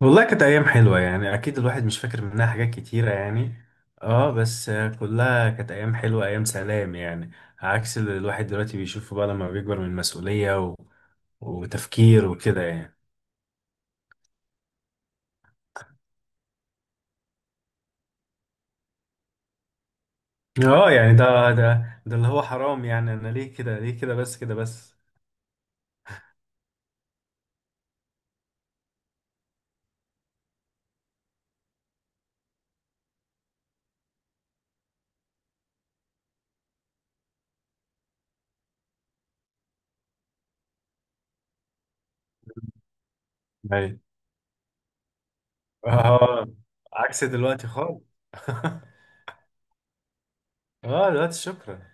والله كانت ايام حلوه، يعني اكيد الواحد مش فاكر منها حاجات كتيره يعني. اه بس. كلها كانت ايام حلوه، ايام سلام يعني. عكس اللي الواحد دلوقتي بيشوفه بقى لما بيكبر من مسؤوليه و... وتفكير وكده يعني. اه يعني ده اللي هو حرام، يعني انا ليه كده، ليه كده، بس كده بس. ايوه. اه عكس دلوقتي خالص. اه دلوقتي شكرا.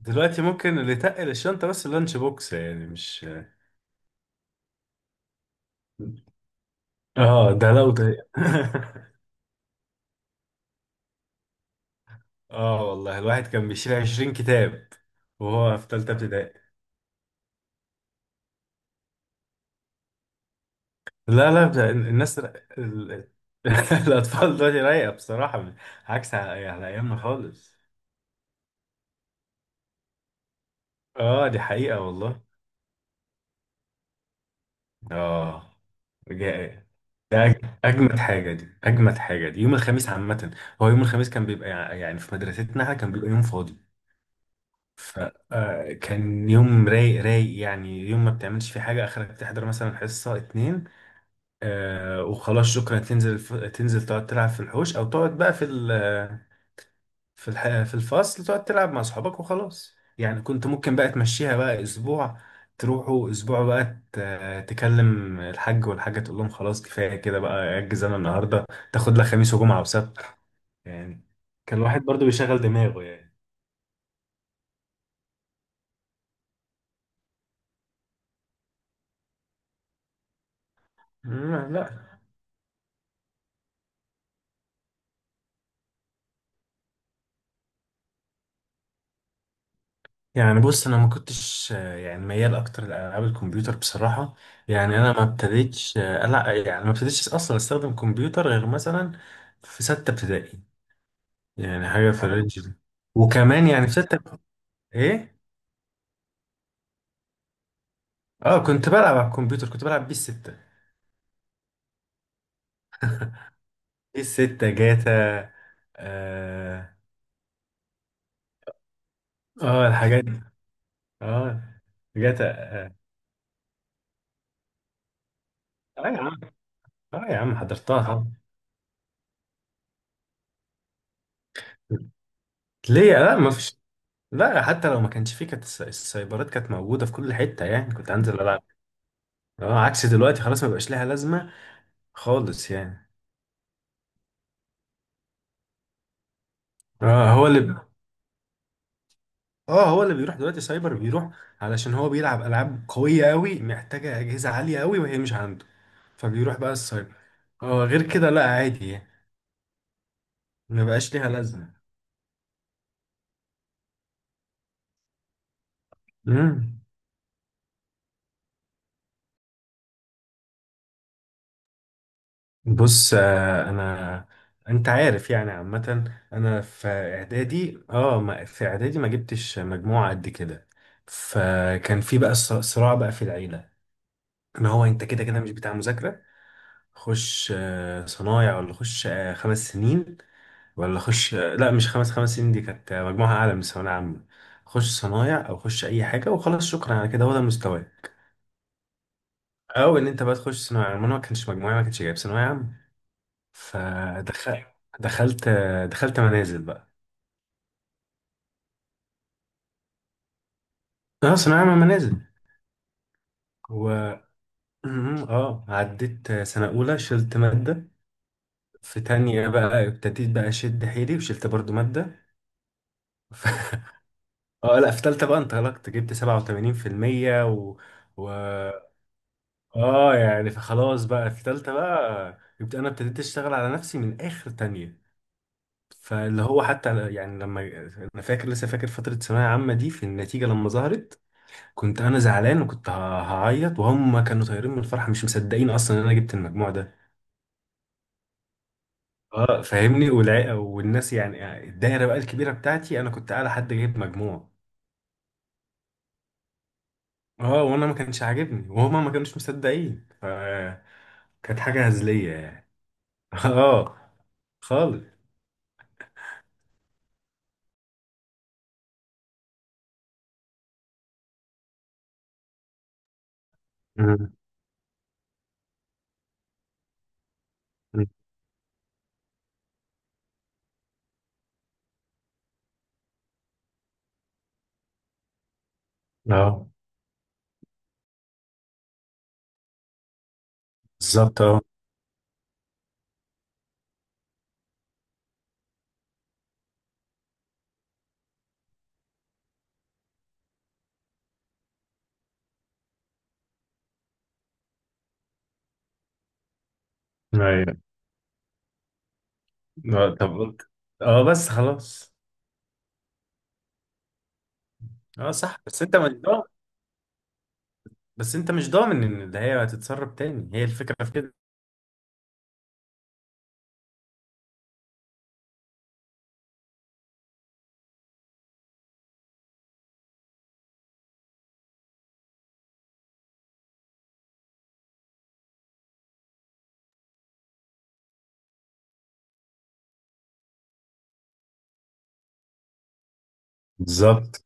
دلوقتي ممكن اللي تقل الشنطه بس اللانش بوكس، يعني مش. اه ده لو ده اه والله الواحد كان بيشيل 20 كتاب وهو في تالتة ابتدائي. لا لا، ده الناس ال... الأطفال دلوقتي رايقة بصراحة، عكس على أيامنا خالص. اه دي حقيقة والله. اه جاء. ده أجمد حاجة دي، أجمد حاجة دي يوم الخميس عامة. هو يوم الخميس كان بيبقى يعني في مدرستنا إحنا كان بيبقى يوم فاضي. فكان يوم رايق رايق، يعني يوم ما بتعملش فيه حاجة، آخرك تحضر مثلا حصة اتنين. وخلاص شكرا، تنزل تنزل تقعد تلعب في الحوش او تقعد بقى في ال... في الفصل تقعد تلعب مع اصحابك وخلاص، يعني كنت ممكن بقى تمشيها بقى اسبوع. تروحوا اسبوع بقى تكلم الحاج والحاجه، تقول لهم خلاص كفايه كده بقى، اجز انا النهارده، تاخد لك خميس وجمعه وسبت يعني. كان الواحد برضو بيشغل دماغه يعني. لا. يعني بص، انا ما كنتش يعني ميال اكتر لالعاب الكمبيوتر بصراحه. يعني انا ما ابتديتش لا يعني ما ابتديتش اصلا استخدم كمبيوتر غير مثلا في سته ابتدائي. يعني حاجه في الرينج ده. وكمان يعني في سته. ايه. اه كنت بلعب على الكمبيوتر، كنت بلعب بيه السته. بيه السته جاتا. اه, آه الحاجات دي. اه جاتا اه. آه يا عم. اه يا عم حضرتها طبعاً. ليه؟ لا ما فيش. لا، حتى لو ما كانش فيه، كانت السايبرات كانت موجودة في كل حتة، يعني كنت هنزل ألعب. اه عكس دلوقتي خلاص، ما بقاش لها لازمة خالص يعني. اه هو اللي اه هو اللي بيروح دلوقتي سايبر، بيروح علشان هو بيلعب ألعاب قوية قوي، محتاجة أجهزة عالية قوي وهي مش عنده، فبيروح بقى السايبر. اه غير كده لا، عادي يعني. ما بقاش ليها لازمة. مم. بص آه، انا انت عارف يعني عامه، انا في اعدادي ما جبتش مجموعه قد كده. فكان في بقى صراع بقى في العيله، ان هو انت كده كده مش بتاع مذاكره. خش صنايع ولا خش 5 سنين، ولا خش لا مش خمس سنين دي كانت مجموعه اعلى من الثانويه العامه. خش صنايع او خش اي حاجه وخلاص شكرا، على كده هو ده مستواك. او ان انت بقى تخش ثانويه عامه، انا ما كانش مجموعي، ما كانش جايب ثانويه عامه. فدخلت. دخلت دخلت منازل بقى. اه ثانوية عامة منازل. و عديت سنة أولى، شلت مادة. في تانية بقى ابتديت بقى أشد حيلي وشلت برضو مادة. ف... اه لا، في تالتة بقى انطلقت، جبت 87% و... و... اه يعني فخلاص بقى في تالتة بقى أنا ابتديت أشتغل على نفسي من آخر تانية. فاللي هو حتى يعني لما. أنا لسه فاكر فترة ثانوية عامة دي، في النتيجة لما ظهرت كنت انا زعلان، وكنت هعيط، وهم كانوا طايرين من الفرحه، مش مصدقين اصلا ان انا جبت المجموع ده. اه فاهمني، والناس يعني الدايره بقى الكبيره بتاعتي، انا كنت اعلى حد جايب مجموع. اه وانا ما كانش عاجبني، وهما ما كانوش مصدقين ف كانت حاجه هزليه يعني. اه خالص. مم. مم. اه بالظبط اه. ايوه، طب قلت. اه بس خلاص. اه صح، بس انت مش ضامن ان ده هي هتتسرب تاني، هي الفكره في كده. بالظبط.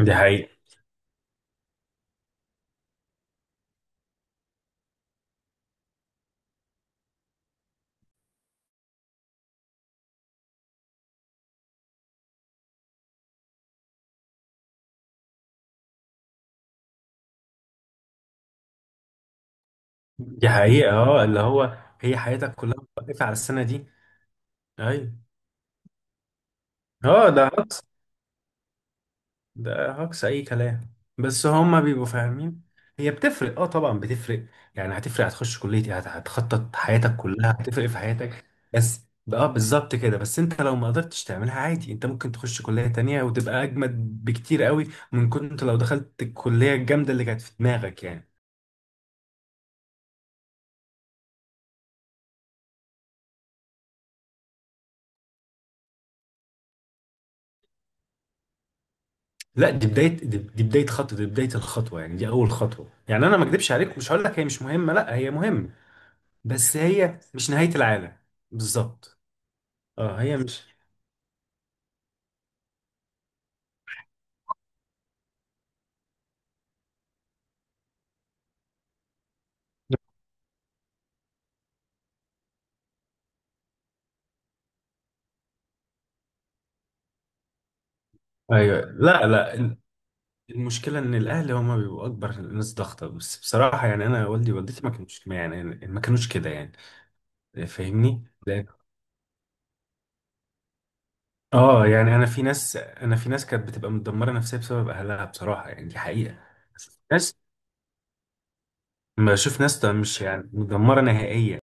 دي حقيقة دي حقيقة اه، اللي هو هي حياتك كلها واقفة على السنة دي. ايوه. اه ده هجص اي كلام. بس هما بيبقوا فاهمين. هي بتفرق، طبعا بتفرق. يعني هتفرق، هتخش كلية ايه، هتخطط حياتك كلها، هتفرق في حياتك. بس اه بالظبط كده، بس انت لو ما قدرتش تعملها عادي، انت ممكن تخش كلية تانية وتبقى اجمد بكتير قوي من كنت لو دخلت الكلية الجامدة اللي كانت في دماغك يعني. لا دي بدايه دي بدايه خطوه، دي بدايه الخطوه، يعني دي اول خطوه. يعني انا ما اكدبش عليك، مش هقول لك هي مش مهمه، لا هي مهمه، بس هي مش نهايه العالم. بالظبط اه هي مش. ايوه لا لا. المشكله ان الاهل هم بيبقوا اكبر ناس ضغطه، بس بصراحه يعني انا والدي ووالدتي ما كانوش يعني، ما كانوش كده يعني. فاهمني لأن-. اه يعني انا في ناس كانت بتبقى متدمره نفسيا بسبب اهلها بصراحه، يعني دي حقيقه. ناس. ما بشوف ناس مش يعني مدمره نهائيا.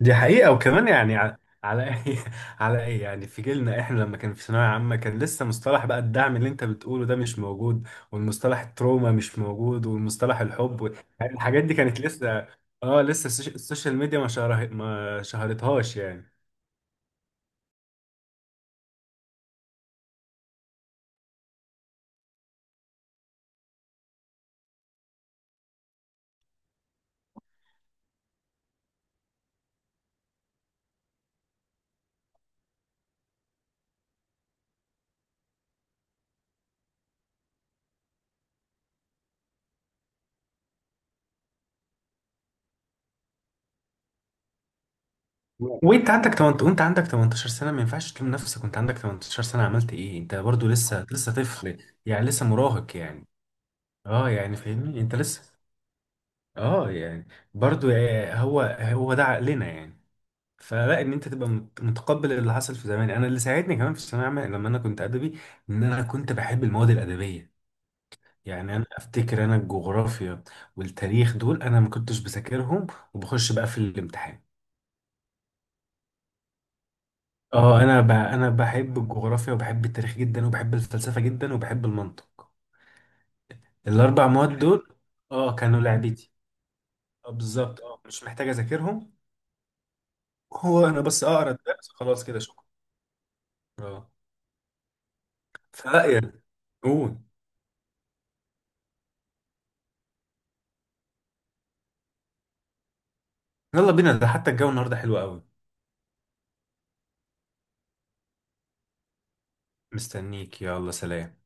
دي حقيقة، وكمان يعني ع-. على ايه على ايه، يعني في جيلنا احنا لما كان في ثانوية عامة، كان لسه مصطلح بقى الدعم اللي انت بتقوله ده مش موجود، والمصطلح التروما مش موجود، والمصطلح الحب و-. يعني الحاجات دي كانت لسه. اه لسه السوشيال ميديا ما شهرتهاش يعني. وانت عندك 18، وانت عندك 18 سنة ما ينفعش تلوم نفسك، وانت عندك 18 سنة عملت ايه، انت برضو لسه طفل، يعني لسه مراهق يعني. اه يعني فاهمني، انت لسه. اه يعني برضو هو هو ده عقلنا يعني. فلا ان انت تبقى متقبل اللي حصل في زمان. انا اللي ساعدني كمان في الثانويه العامه لما انا كنت ادبي، ان انا كنت بحب المواد الادبيه. يعني انا افتكر انا الجغرافيا والتاريخ دول انا ما كنتش بذاكرهم، وبخش بقى في الامتحان. اه انا بحب الجغرافيا، وبحب التاريخ جدا، وبحب الفلسفه جدا، وبحب المنطق. الاربع مواد دول اه كانوا لعبتي. اه بالظبط، اه مش محتاج اذاكرهم. هو انا بس اقرا الدرس خلاص كده شكرا. اه فلا يعني. قول. يلا بينا، ده حتى الجو النهارده حلو قوي. مستنيك، يلا سلام.